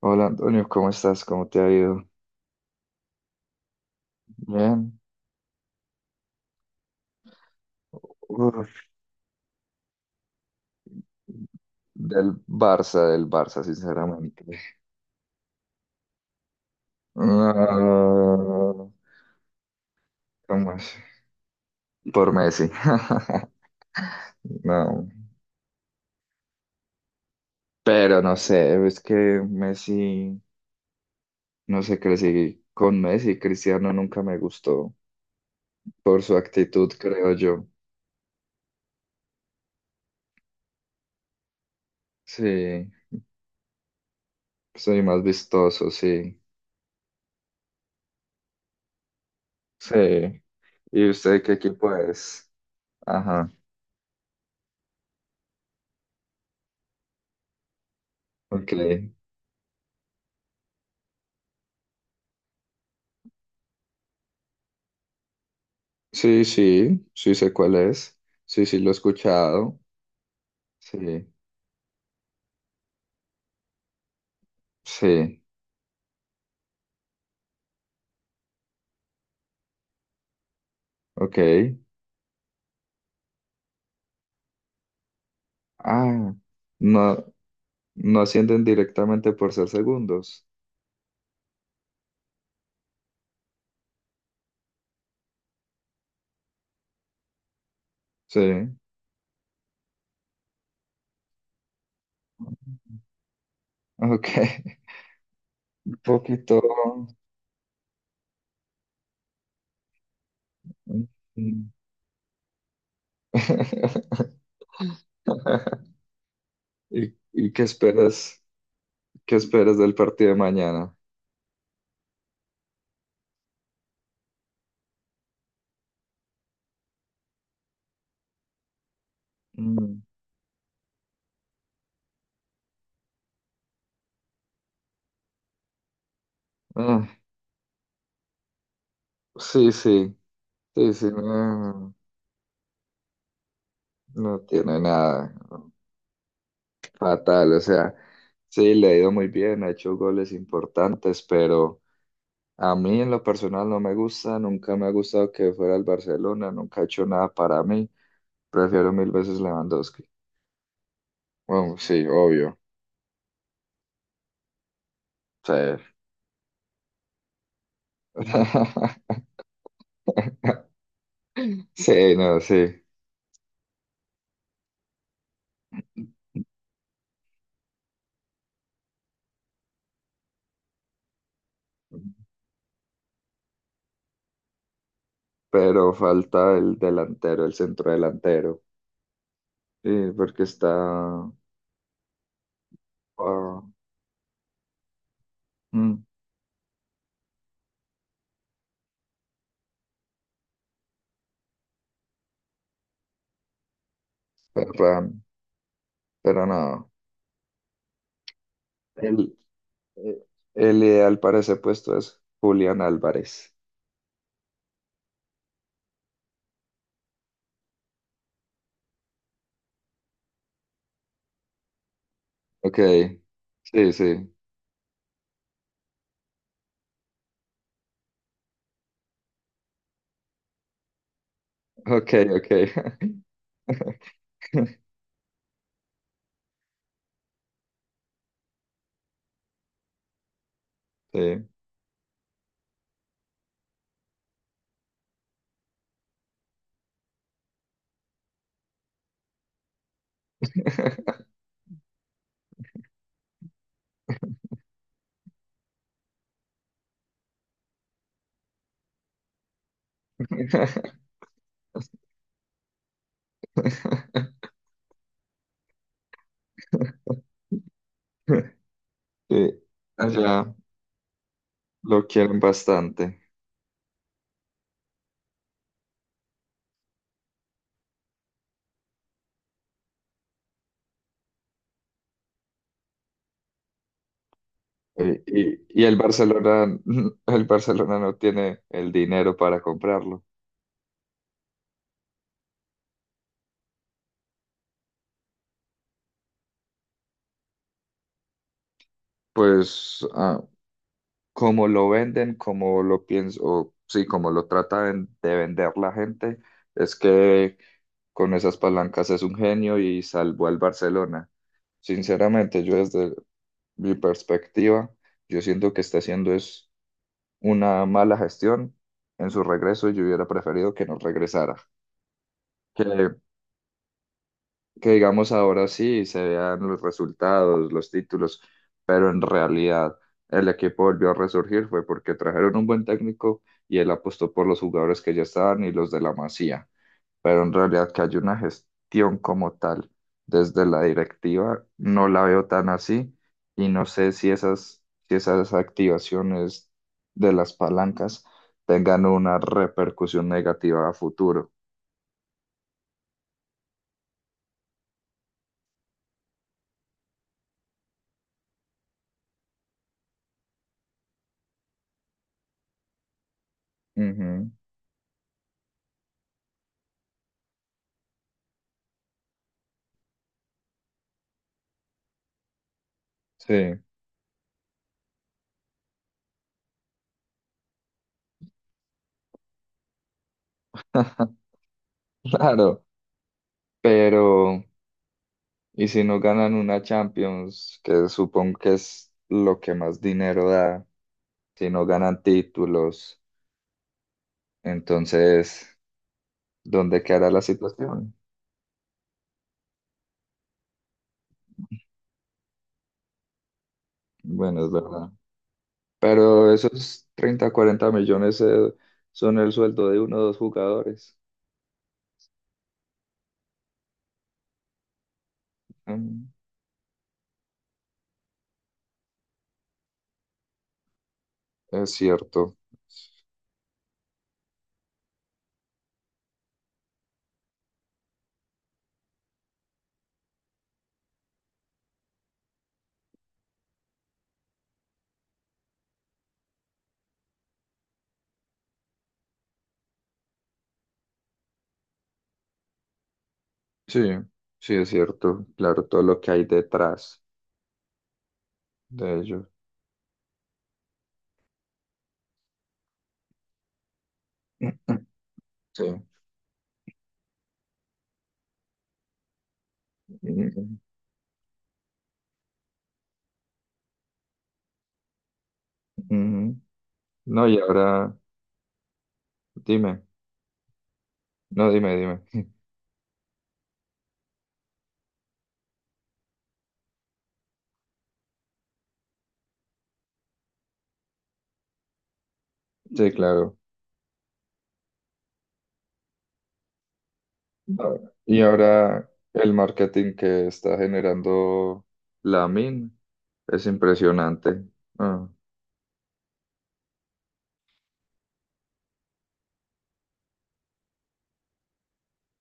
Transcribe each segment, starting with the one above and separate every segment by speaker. Speaker 1: Hola Antonio, ¿cómo estás? ¿Cómo te ha ido? Bien. Uf, del Barça, sinceramente. Ah, ¿cómo es? Por Messi. No. Pero no sé, es que Messi, no sé, crecí con Messi. Cristiano nunca me gustó por su actitud, creo yo. Sí, soy más vistoso, sí. Sí. ¿Y usted qué equipo es? Ajá, ok. Sí, sí, sí sé cuál es. Sí, sí, lo he escuchado. Sí, sí, ok. Ah, no, no ascienden directamente por ser segundos. Sí, ok. Un poquito. Mm. ¿Y qué esperas? ¿Qué esperas del partido de mañana? Mm, ah, sí, sí, sí, sí, no, no tiene nada fatal. O sea, sí, le ha ido muy bien, ha hecho goles importantes, pero... A mí en lo personal no me gusta, nunca me ha gustado que fuera el Barcelona, nunca ha hecho nada para mí. Prefiero mil veces Lewandowski. Bueno, sí, obvio. Sí, sí, no, sí. Pero falta el delantero, el centro delantero. Sí, porque está... ah, mm, pero, pero no. El, eh, el ideal para ese puesto es Julián Álvarez. Ok, sí, sí. Ok, ok. Sí. Sí, allá lo quieren bastante. Y el Barcelona, el Barcelona no tiene el dinero para comprarlo. Pues como lo venden, como lo pienso, o sí, como lo tratan de vender la gente, es que con esas palancas es un genio y salvó al Barcelona. Sinceramente, yo desde mi perspectiva, yo siento que está haciendo es una mala gestión en su regreso, yo hubiera preferido que no regresara. Que, que digamos ahora sí se vean los resultados, los títulos, pero en realidad el equipo volvió a resurgir fue porque trajeron un buen técnico y él apostó por los jugadores que ya estaban y los de la Masía, pero en realidad que hay una gestión como tal desde la directiva, no la veo tan así, y no sé si esas activaciones de las palancas tengan una repercusión negativa a futuro. Ujú, sí, claro, pero ¿y si no ganan una Champions, que supongo que es lo que más dinero da, si no ganan títulos, entonces dónde quedará la situación? Bueno, es verdad. Pero esos 30 40 millones son el sueldo de uno o dos jugadores. Mm, es cierto. Sí, sí, es cierto. Claro, todo lo que hay detrás de ellos. Sí. Mm, ujú. No, y ahora, dime. No, dime, dime. Sí, claro. Ah, Y ahora el marketing que está generando la min es impresionante. Ah,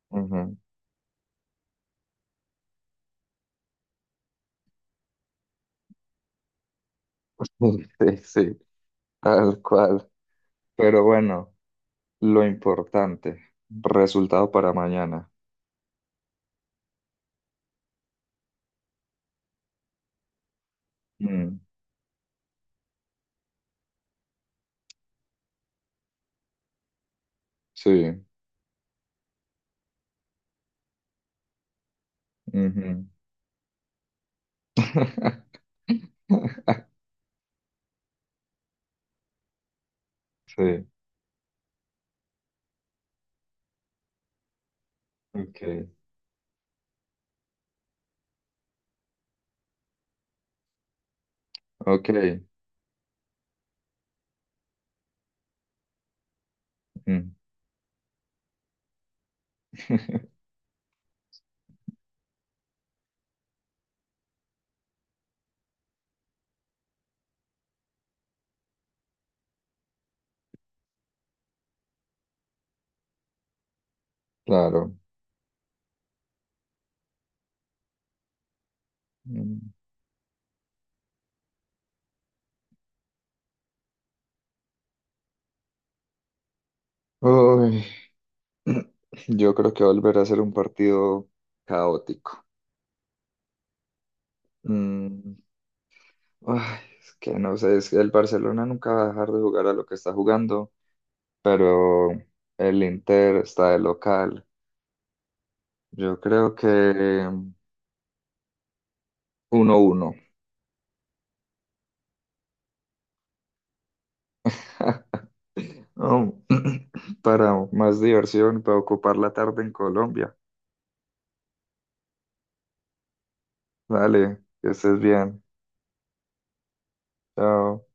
Speaker 1: ujú. Sí, sí, tal cual. Pero bueno. Lo importante, resultado para mañana. Mm, sí. Ujú. Sí. Ok. Ok. Mm, claro. Mm. Uy, yo creo que volverá a ser un partido caótico. Mm, ay, es que no sé, es que el Barcelona nunca va a dejar de jugar a lo que está jugando, pero el Inter está de local. Yo creo que mm, 1-1. Oh, para más diversión, para ocupar la tarde en Colombia. Vale, que estés bien. Chao.